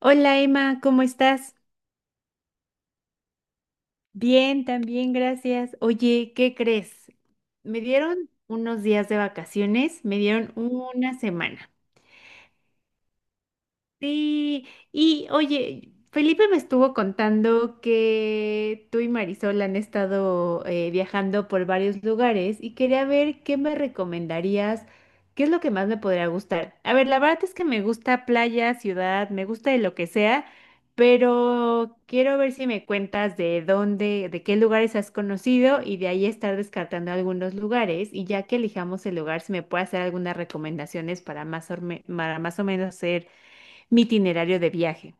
Hola Emma, ¿cómo estás? Bien, también, gracias. Oye, ¿qué crees? Me dieron unos días de vacaciones, me dieron una semana. Sí, y oye, Felipe me estuvo contando que tú y Marisol han estado viajando por varios lugares y quería ver qué me recomendarías, qué es lo que más me podría gustar. A ver, la verdad es que me gusta playa, ciudad, me gusta de lo que sea, pero quiero ver si me cuentas de dónde, de qué lugares has conocido y de ahí estar descartando algunos lugares y ya que elijamos el lugar, si me puede hacer algunas recomendaciones para más, para más o menos ser mi itinerario de viaje.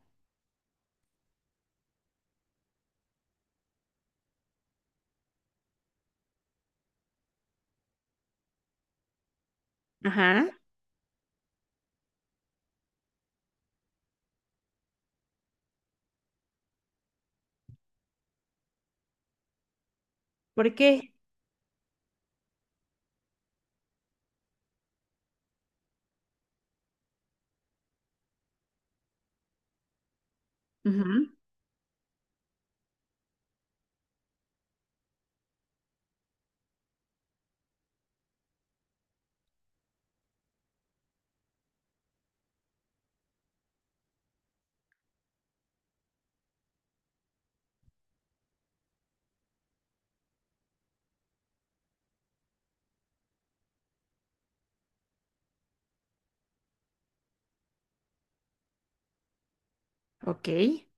Ajá. ¿Por qué? Ujú. Ok. ¿Qué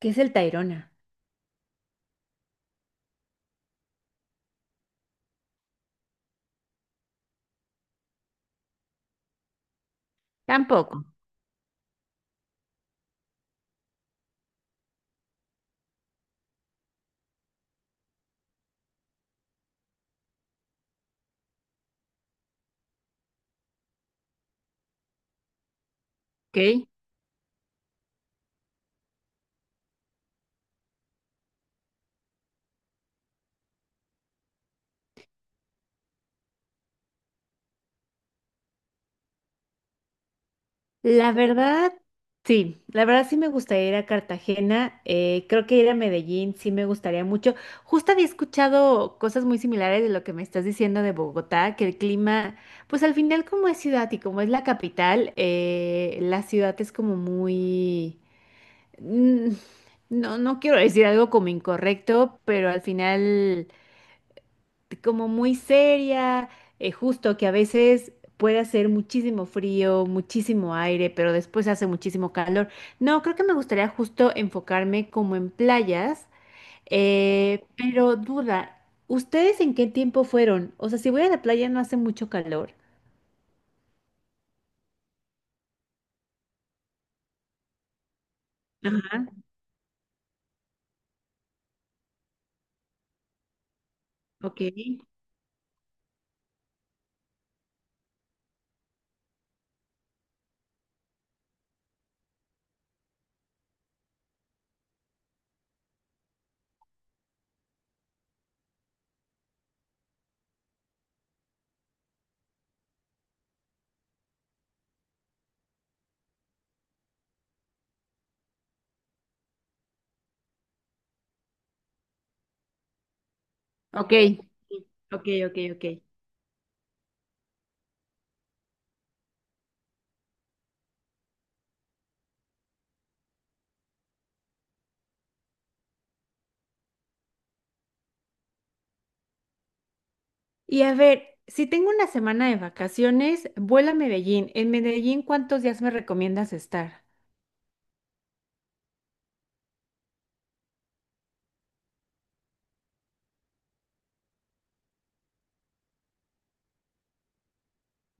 es el Tayrona? Tampoco. Ok. La verdad, sí, la verdad sí me gustaría ir a Cartagena, creo que ir a Medellín sí me gustaría mucho. Justo había escuchado cosas muy similares de lo que me estás diciendo de Bogotá, que el clima, pues al final como es ciudad y como es la capital, la ciudad es como muy... mm, no, no quiero decir algo como incorrecto, pero al final como muy seria, justo que a veces puede hacer muchísimo frío, muchísimo aire, pero después hace muchísimo calor. No, creo que me gustaría justo enfocarme como en playas, pero duda, ¿ustedes en qué tiempo fueron? O sea, si voy a la playa no hace mucho calor. Ok, ok, ok, ok, ok. Y a ver, si tengo una semana de vacaciones, vuélame a Medellín. En Medellín, ¿cuántos días me recomiendas estar?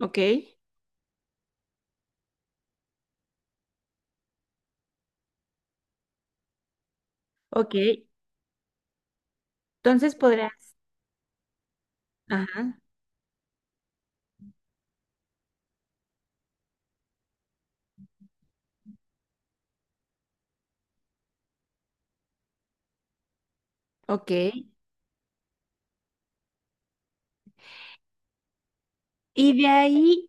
Ok, ok. Entonces podrás, ajá, ok. Y de ahí,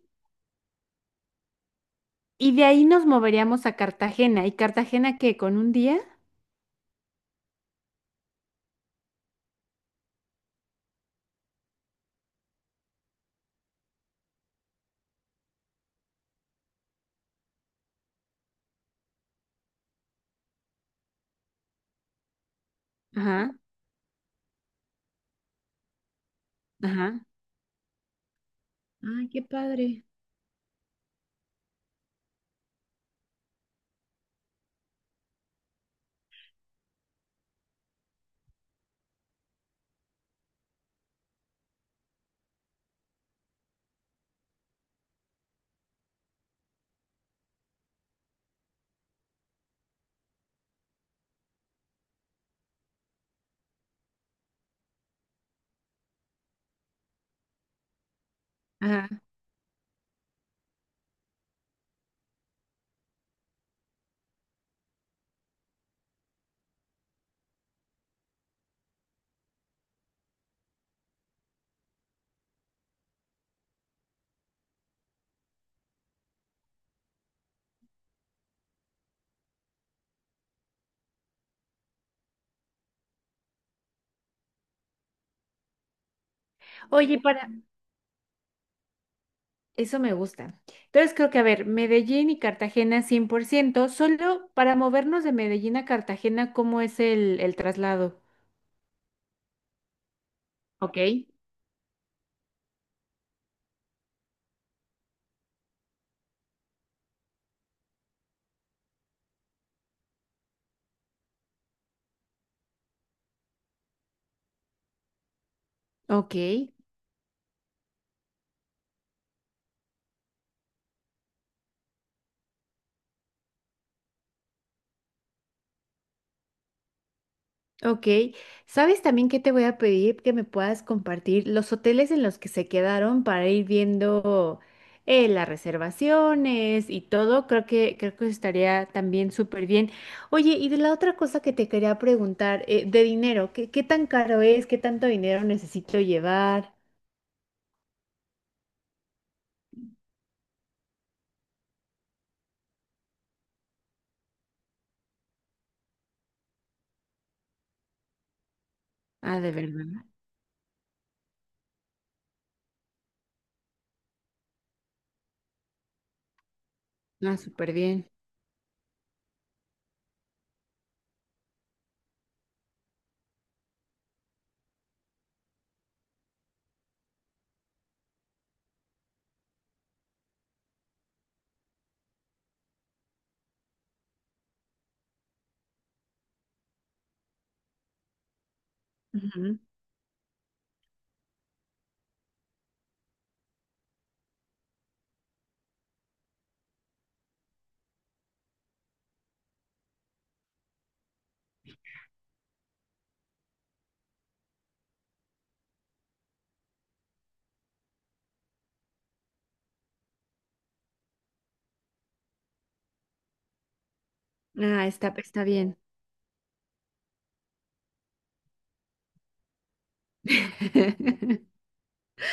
y de ahí nos moveríamos a Cartagena. ¿Y Cartagena qué? ¿Con un día? Ajá, ajá. Ay, qué padre. Ajá. Oye, para, eso me gusta. Entonces creo que, a ver, Medellín y Cartagena 100%, solo para movernos de Medellín a Cartagena, ¿cómo es el traslado? Ok. Ok. Ok, ¿sabes también qué te voy a pedir? Que me puedas compartir los hoteles en los que se quedaron para ir viendo las reservaciones y todo. Creo que estaría también súper bien. Oye, y de la otra cosa que te quería preguntar, de dinero, ¿qué, qué tan caro es? ¿Qué tanto dinero necesito llevar? Ah, de verdad. Ah, súper bien. Ujú. Ah, está, está bien.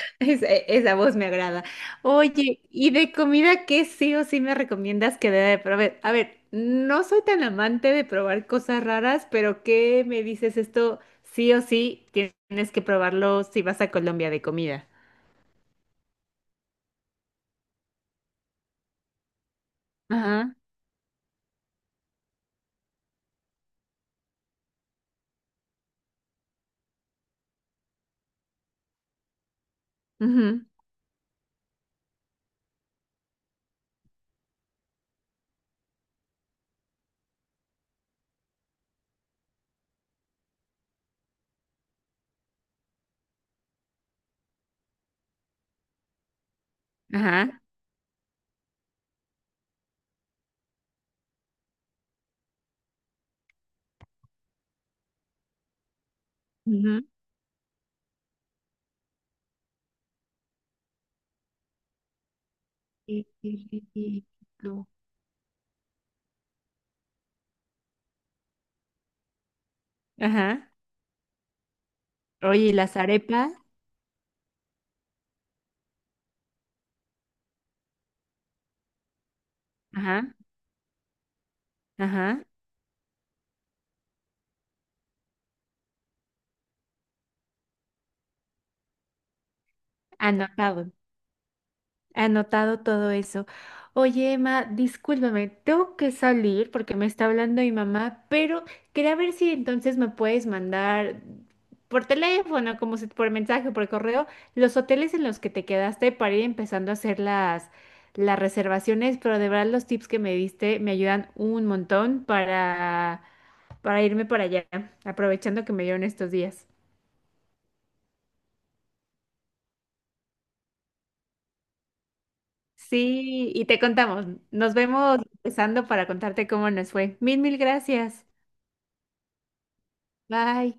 Esa voz me agrada. Oye, ¿y de comida qué sí o sí me recomiendas que deba de probar? A ver, no soy tan amante de probar cosas raras, pero ¿qué me dices esto? Sí o sí tienes que probarlo si vas a Colombia de comida. Ajá, ujú, ajá, ujú. Qué- rico. Ajá. Oye, ¿y las arepas? Ajá, ajá. Anotado. Anotado todo eso. Oye, Emma, discúlpame, tengo que salir porque me está hablando mi mamá, pero quería ver si entonces me puedes mandar por teléfono, como si- por mensaje, por correo, los hoteles en los que te quedaste para ir empezando a hacer las reservaciones, pero de verdad los tips que me diste me ayudan un montón para irme para allá, aprovechando que me dieron estos días. Sí, y te contamos. Nos vemos empezando para contarte cómo nos fue. Mil, mil gracias. Bye.